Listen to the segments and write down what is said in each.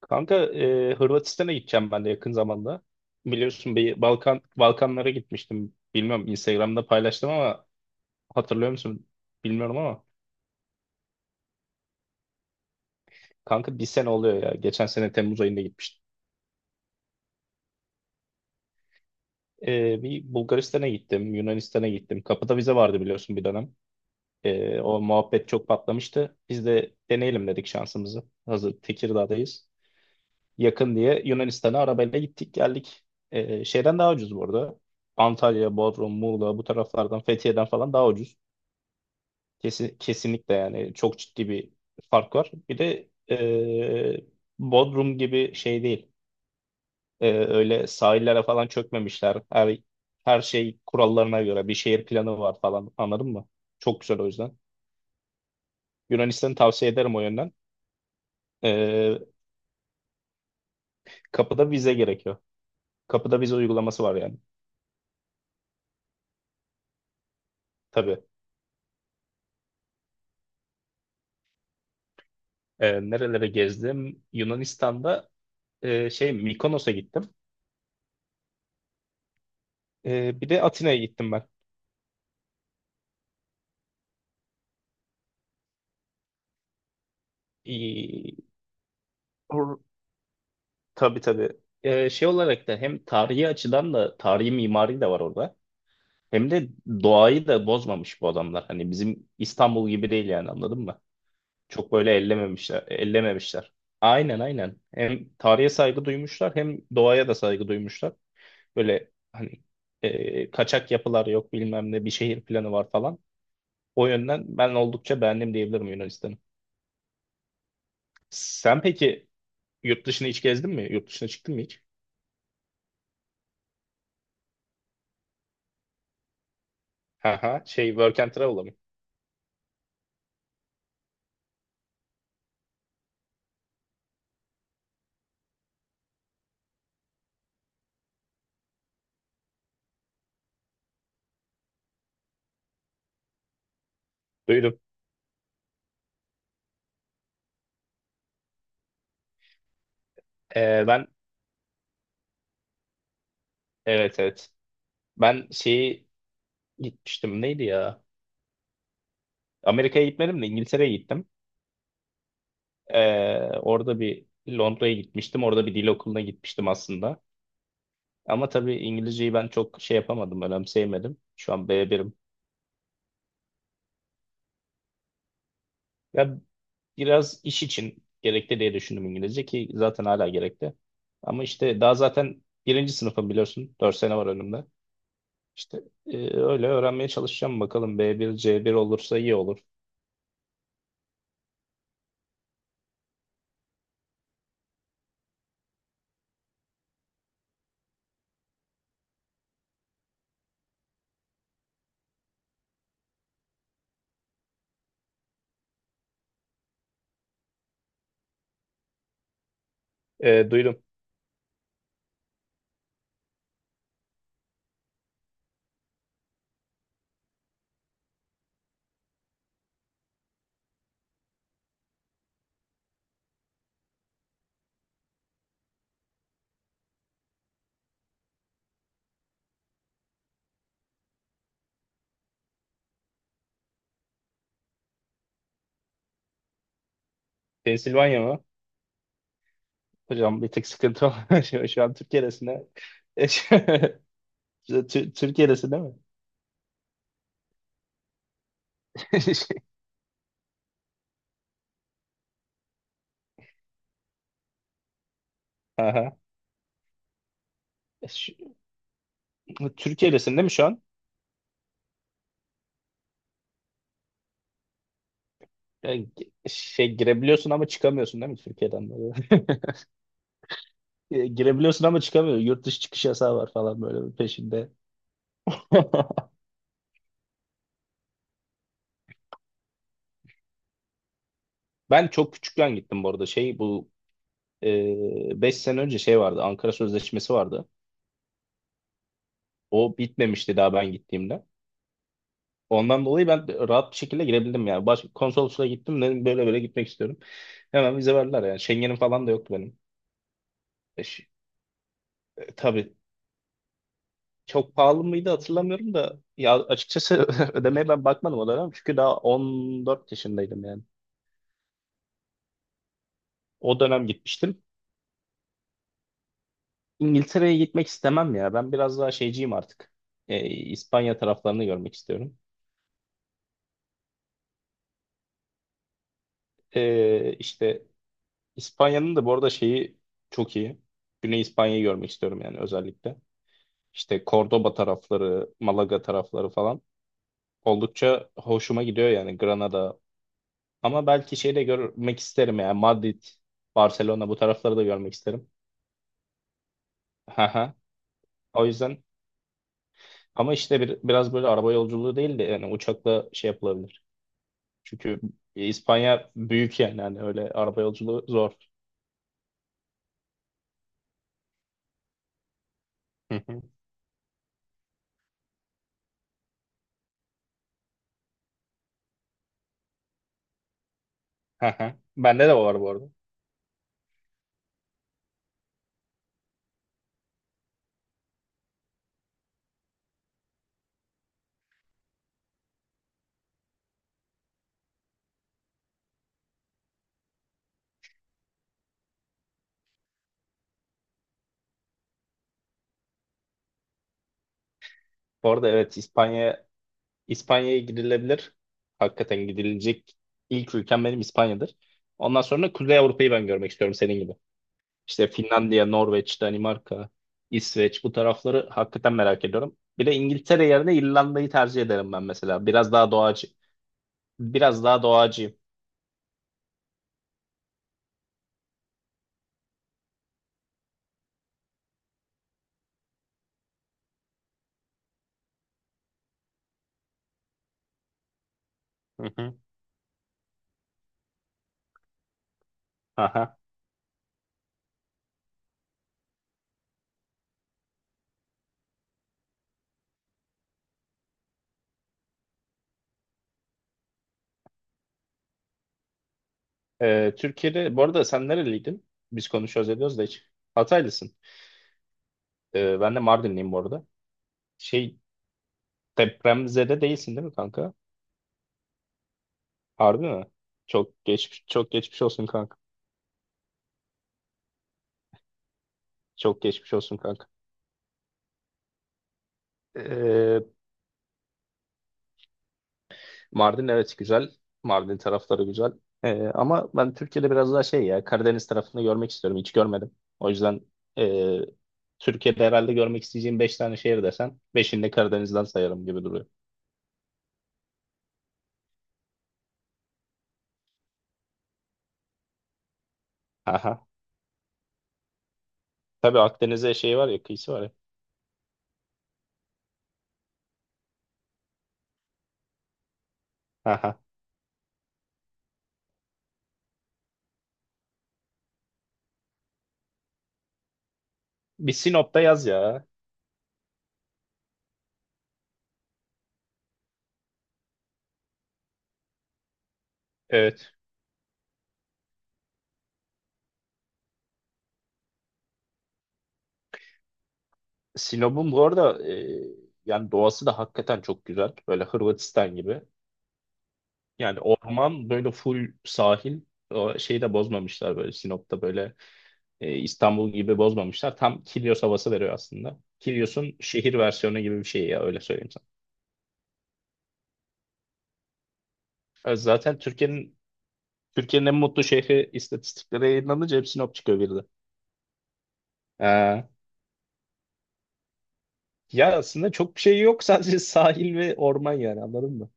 Kanka Hırvatistan'a gideceğim ben de yakın zamanda. Biliyorsun bir Balkanlara gitmiştim. Bilmiyorum Instagram'da paylaştım ama hatırlıyor musun bilmiyorum ama kanka bir sene oluyor ya. Geçen sene Temmuz ayında gitmiştim. Bir Bulgaristan'a gittim, Yunanistan'a gittim. Kapıda vize vardı biliyorsun bir dönem. O muhabbet çok patlamıştı. Biz de deneyelim dedik şansımızı. Hazır Tekirdağ'dayız, yakın diye Yunanistan'a arabayla gittik geldik. Şeyden daha ucuz bu arada. Antalya, Bodrum, Muğla bu taraflardan Fethiye'den falan daha ucuz. Kesinlikle yani çok ciddi bir fark var. Bir de Bodrum gibi şey değil. Öyle sahillere falan çökmemişler. Her şey kurallarına göre, bir şehir planı var falan, anladın mı? Çok güzel o yüzden. Yunanistan'ı tavsiye ederim o yönden. Ee, Kapıda vize gerekiyor. Kapıda vize uygulaması var yani. Tabii. Nerelere gezdim? Yunanistan'da şey, Mikonos'a gittim. Bir de Atina'ya gittim ben. İyi. Or- Tabii, tabii. Şey olarak da, hem tarihi açıdan da, tarihi mimari de var orada. Hem de doğayı da bozmamış bu adamlar. Hani bizim İstanbul gibi değil yani, anladın mı? Çok böyle ellememişler, ellememişler. Aynen, aynen. Hem tarihe saygı duymuşlar, hem doğaya da saygı duymuşlar. Böyle hani kaçak yapılar yok, bilmem ne, bir şehir planı var falan. O yönden ben oldukça beğendim diyebilirim Yunanistan'ı. Sen peki yurt dışına hiç gezdin mi? Yurt dışına çıktın mı hiç? Haha, şey, work and travel'a mı? Duydum. Ben evet, evet. Ben şeyi gitmiştim, neydi ya? Amerika'ya gitmedim de İngiltere'ye gittim. Orada bir Londra'ya gitmiştim. Orada bir dil okuluna gitmiştim aslında. Ama tabii İngilizceyi ben çok şey yapamadım, önemseyemedim. Şu an B1'im. Ya biraz iş için gerekli diye düşündüm İngilizce, ki zaten hala gerekli. Ama işte daha zaten birinci sınıfım biliyorsun. Dört sene var önümde. İşte öyle öğrenmeye çalışacağım bakalım. B1, C1 olursa iyi olur. Duydum. Pensilvanya mı? Hocam bir tık sıkıntı var. Şu an Türkiye'desine. Türkiye'desin değil mi? Aha. Şu- Türkiye'desin değil mi şu an? Yani şey, girebiliyorsun ama çıkamıyorsun değil mi Türkiye'den? Girebiliyorsun ama çıkamıyor. Yurt dışı çıkış yasağı var falan böyle bir peşinde. Ben çok küçükken gittim bu arada. Şey bu, 5 sene önce şey vardı. Ankara Sözleşmesi vardı. O bitmemişti daha ben gittiğimde. Ondan dolayı ben rahat bir şekilde girebildim yani. Konsolosluğa gittim, dedim böyle böyle gitmek istiyorum. Hemen vize verdiler yani. Schengen'im falan da yoktu benim. E, ş- tabii, çok pahalı mıydı hatırlamıyorum da ya açıkçası, ödemeye ben bakmadım o dönem. Çünkü daha 14 yaşındaydım yani. O dönem gitmiştim. İngiltere'ye gitmek istemem ya. Ben biraz daha şeyciyim artık. İspanya taraflarını görmek istiyorum. İşte İspanya'nın da bu arada şeyi çok iyi. Güney İspanya'yı görmek istiyorum yani özellikle. İşte Cordoba tarafları, Malaga tarafları falan. Oldukça hoşuma gidiyor yani, Granada. Ama belki şey de görmek isterim yani, Madrid, Barcelona bu tarafları da görmek isterim. Haha. O yüzden ama işte biraz böyle araba yolculuğu değil de, yani uçakla şey yapılabilir. Çünkü İspanya büyük yani, hani öyle araba yolculuğu zor. Hı hı. Hı hı. Bende de var bu arada. Bu arada evet, İspanya'ya gidilebilir. Hakikaten gidilecek ilk ülkem benim İspanya'dır. Ondan sonra Kuzey Avrupa'yı ben görmek istiyorum senin gibi. İşte Finlandiya, Norveç, Danimarka, İsveç bu tarafları hakikaten merak ediyorum. Bir de İngiltere yerine İrlanda'yı tercih ederim ben mesela. Biraz daha doğacı. Biraz daha doğacıyım. Hı hı. Aha. Türkiye'de bu arada sen nereliydin? Biz konuşuyoruz ediyoruz da hiç. Hataylısın. Ben de Mardinliyim bu arada. Şey, depremzede değilsin değil mi kanka? Harbi mi? Çok geçmiş olsun kanka. Çok geçmiş olsun kanka. Ee, Mardin evet güzel. Mardin tarafları güzel. Ama ben Türkiye'de biraz daha şey, ya Karadeniz tarafını görmek istiyorum. Hiç görmedim. O yüzden ee, Türkiye'de herhalde görmek isteyeceğim 5 tane şehir desen, 5'ini de Karadeniz'den sayarım gibi duruyor. Aha. Tabii Akdeniz'e şey var ya, kıyısı var ya. Aha. Bir Sinop'ta yaz ya. Evet. Sinop'un bu arada yani doğası da hakikaten çok güzel. Böyle Hırvatistan gibi. Yani orman böyle full sahil. O şeyi de bozmamışlar böyle Sinop'ta, böyle İstanbul gibi bozmamışlar. Tam Kilyos havası veriyor aslında. Kilyos'un şehir versiyonu gibi bir şey ya, öyle söyleyeyim sana. Zaten Türkiye'nin en mutlu şehri istatistikleri yayınlanınca hep Sinop çıkıyor bir de. E, Ya aslında çok bir şey yok, sadece sahil ve orman yani, anladın mı?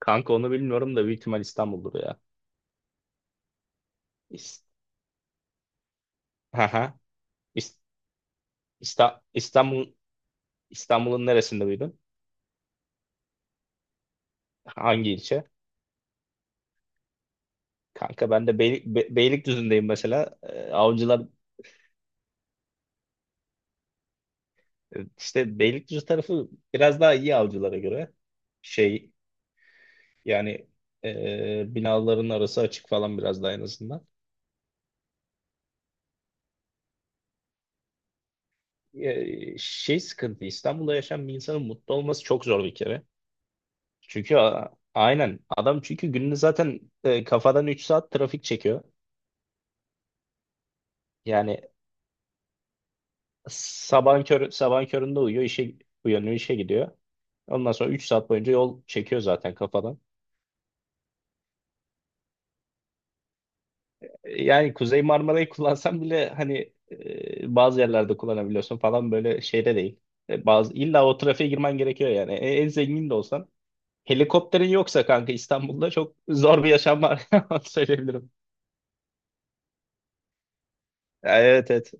Kanka onu bilmiyorum da, büyük ihtimal İstanbul'dur ya. İs- Haha. İs- İsta- İstanbul İstanbul'un neresinde büyüdün? Hangi ilçe? Kanka ben de Beylikdüzü'ndeyim mesela. Avcılar, işte Beylikdüzü tarafı biraz daha iyi Avcılara göre. Şey, yani binaların arası açık falan biraz daha en azından. Şey, sıkıntı İstanbul'da yaşayan bir insanın mutlu olması çok zor bir kere. Çünkü aynen adam, çünkü gününü zaten kafadan 3 saat trafik çekiyor. Yani sabahın köründe uyuyor, işe uyanıyor, işe gidiyor. Ondan sonra 3 saat boyunca yol çekiyor zaten kafadan. Yani Kuzey Marmara'yı kullansan bile hani, bazı yerlerde kullanabiliyorsun falan, böyle şeyde değil. Bazı, illa o trafiğe girmen gerekiyor yani. En zengin de olsan, helikopterin yoksa kanka, İstanbul'da çok zor bir yaşam var. Onu söyleyebilirim. Ya, evet, evet.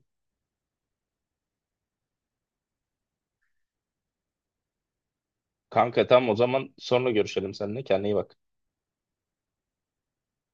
Kanka tamam, o zaman sonra görüşelim seninle. Kendine iyi bak.